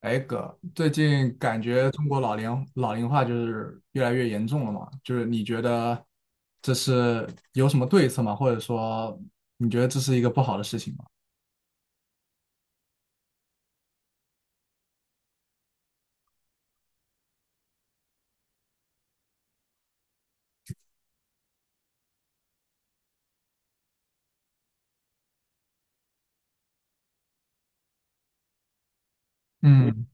哎哥，最近感觉中国老龄化就是越来越严重了嘛？就是你觉得这是有什么对策吗？或者说你觉得这是一个不好的事情吗？嗯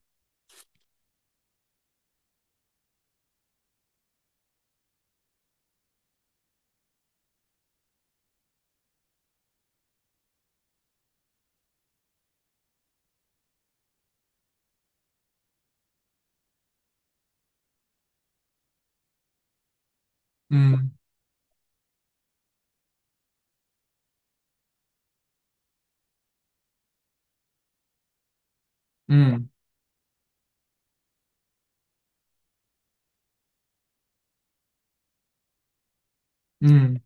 嗯嗯嗯，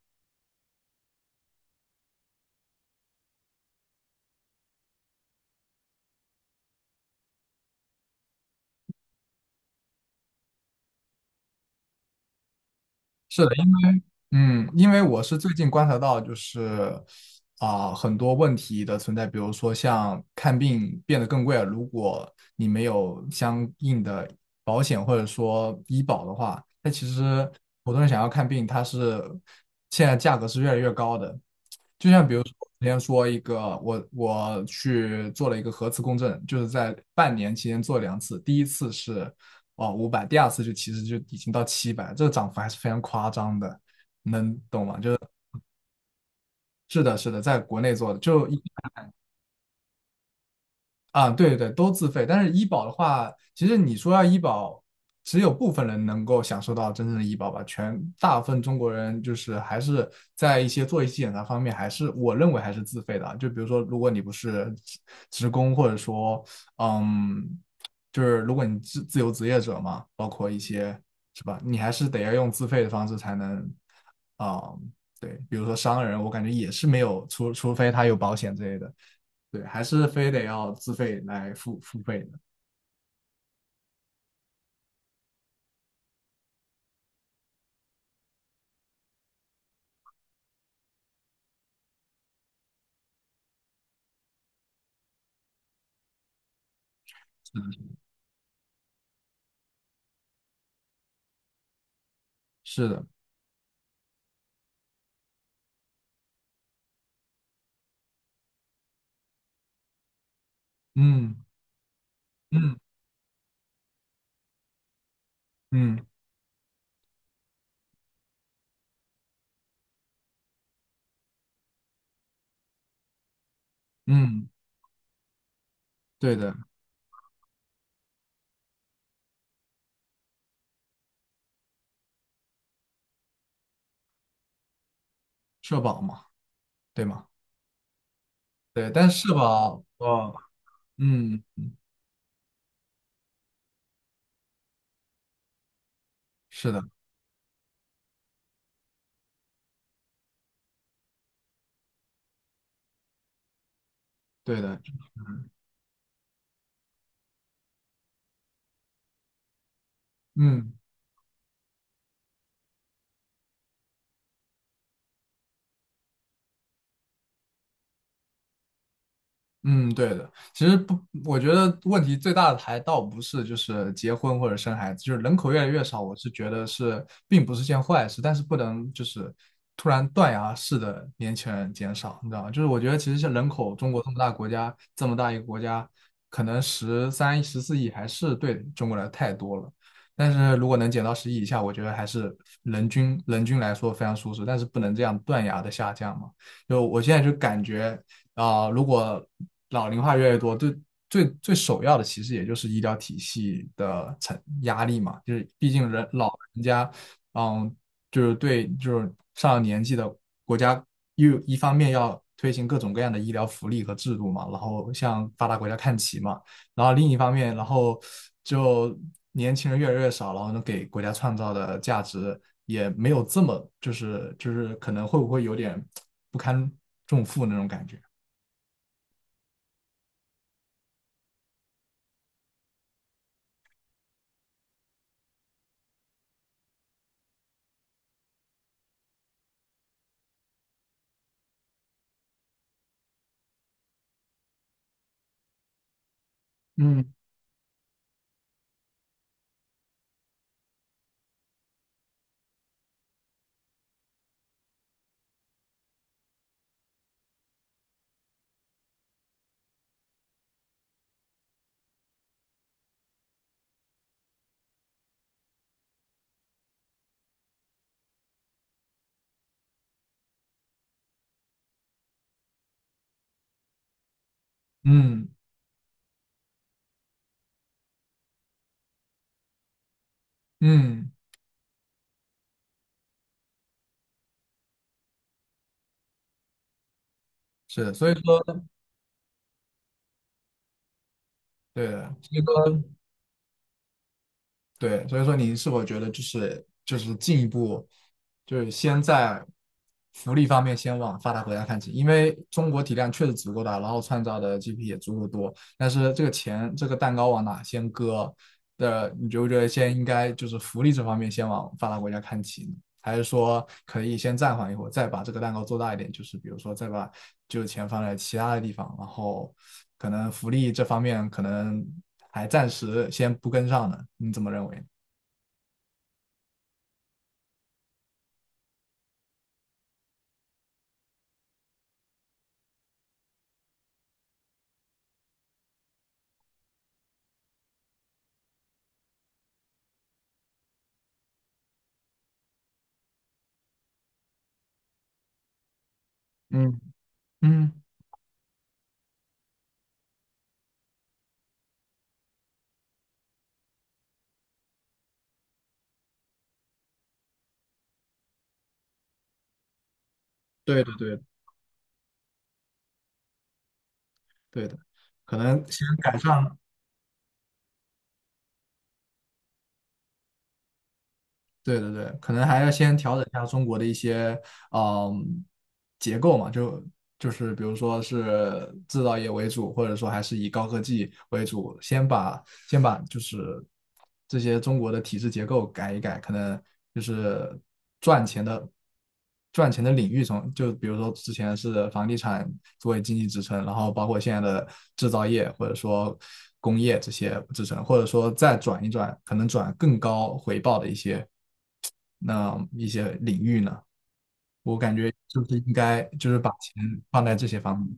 是的。嗯，因为我是最近观察到，就是很多问题的存在，比如说像看病变得更贵了，如果你没有相应的保险或者说医保的话，那其实普通人想要看病，它是现在价格是越来越高的。就像比如说，之前说一个，我去做了一个核磁共振，就是在半年期间做2次，第一次是哦500 5 0，第二次就其实就已经到700，这个涨幅还是非常夸张的。是的，是的，在国内做的，就一啊，对对对，都自费。但是医保的话，其实你说要医保，只有部分人能够享受到真正的医保吧。大部分中国人就是还是在一些做一些检查方面，还是我认为还是自费的啊。就比如说，如果你不是职工，或者说，嗯，就是如果你自由职业者嘛，包括一些是吧，你还是得要用自费的方式才能，啊、对，比如说商人，我感觉也是没有，除非他有保险之类的。对，还是非得要自费来付费的。是的，嗯嗯嗯嗯，对的，社保嘛，对吗？对，但是社保，哦，嗯，是的，对的，嗯。嗯，对的。其实不，我觉得问题最大的还倒不是就是结婚或者生孩子，就是人口越来越少，我是觉得是并不是件坏事，但是不能就是突然断崖式的年轻人减少，你知道吗？就是我觉得其实像人口，中国这么大国家，这么大一个国家，可能13、14亿还是对中国来太多了。但是如果能减到10亿以下，我觉得还是人均来说非常舒适，但是不能这样断崖的下降嘛。就我现在就感觉。如果老龄化越来越多，最首要的其实也就是医疗体系的承压力嘛，就是毕竟人老人家，嗯，就是对就是上了年纪的国家又一方面要推行各种各样的医疗福利和制度嘛，然后向发达国家看齐嘛，然后另一方面，然后就年轻人越来越少，然后能给国家创造的价值也没有这么就是可能会不会有点不堪重负那种感觉。嗯嗯嗯，是的，所以说，对的，所以说，对，所以说，您是否觉得就是进一步，就是先在福利方面先往发达国家看齐，因为中国体量确实足够大，然后创造的 GDP 也足够多，但是这个钱这个蛋糕往哪先割的，你觉不觉得先应该就是福利这方面先往发达国家看齐呢？还是说可以先暂缓一会儿，再把这个蛋糕做大一点，就是比如说再把就是钱放在其他的地方，然后可能福利这方面可能还暂时先不跟上呢。你怎么认为？嗯嗯，对的对的对的，可能先改善。对对对，可能还要先调整一下中国的一些嗯结构嘛，就是比如说是制造业为主，或者说还是以高科技为主，先把就是这些中国的体制结构改一改，可能就是赚钱的赚钱的领域从就比如说之前是房地产作为经济支撑，然后包括现在的制造业或者说工业这些支撑，或者说再转一转，可能转更高回报的那一些领域呢，我感觉就是应该就是把钱放在这些方面。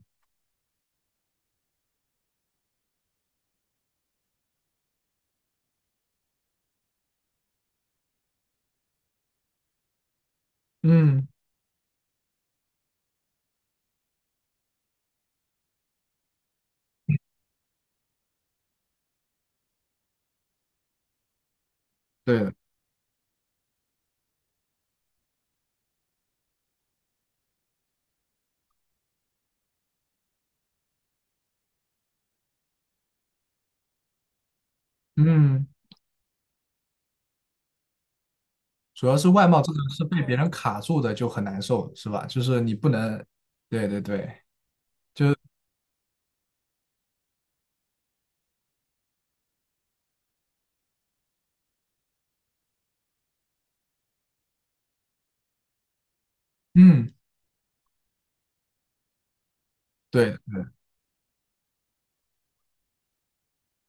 嗯，对的，嗯。主要是外貌这的是被别人卡住的，就很难受，是吧？就是你不能，对对对，嗯，对对，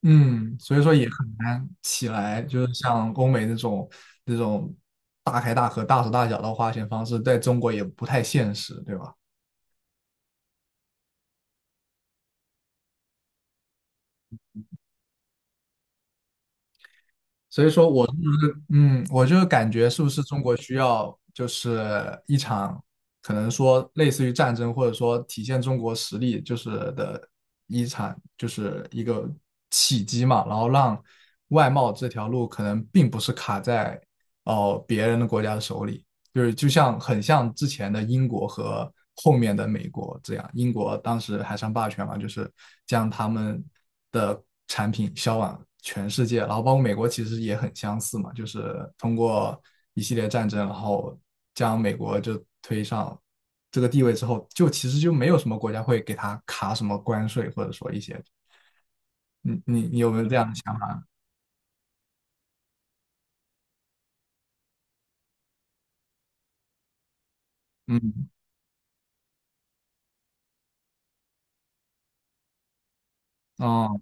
嗯，所以说也很难起来，就是像欧美那种大开大合、大手大脚的花钱方式，在中国也不太现实，对吧？所以。嗯，我就感觉是不是中国需要就是一场可能说类似于战争，或者说体现中国实力就是的一场就是一个契机嘛，然后让外贸这条路可能并不是卡在哦、别人的国家的手里，就是就像很像之前的英国和后面的美国这样，英国当时海上霸权嘛，就是将他们的产品销往全世界，然后包括美国其实也很相似嘛，就是通过一系列战争，然后将美国就推上这个地位之后，就其实就没有什么国家会给他卡什么关税，或者说一些，你有没有这样的想法？嗯，哦，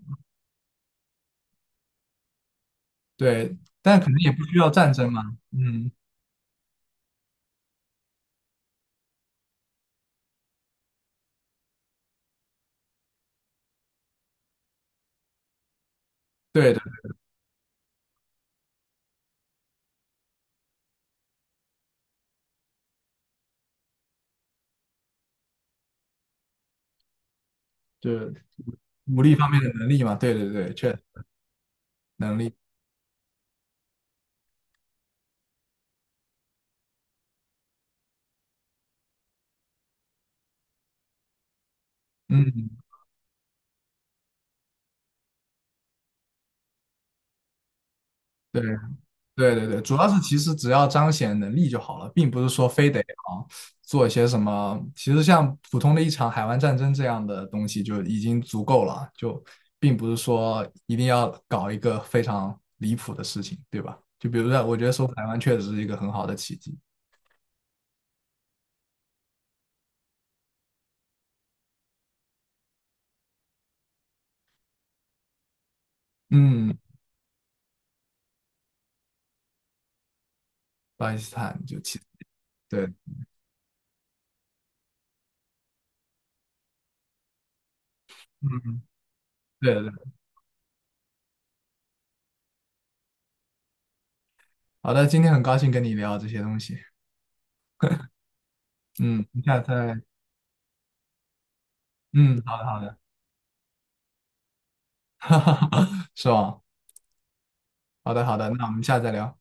对，但可能也不需要战争嘛，嗯，对。的。就是武力方面的能力嘛，对对对，确实能力，嗯，对对对对，主要是其实只要彰显能力就好了，并不是说非得啊做一些什么，其实像普通的一场海湾战争这样的东西就已经足够了，就并不是说一定要搞一个非常离谱的事情，对吧？就比如说，我觉得收复台湾确实是一个很好的奇迹，嗯，巴基斯坦就其对，嗯，对对对，好的，今天很高兴跟你聊这些东西，嗯，下次再。嗯，好的好的，是吧？好的好的，那我们下次再聊。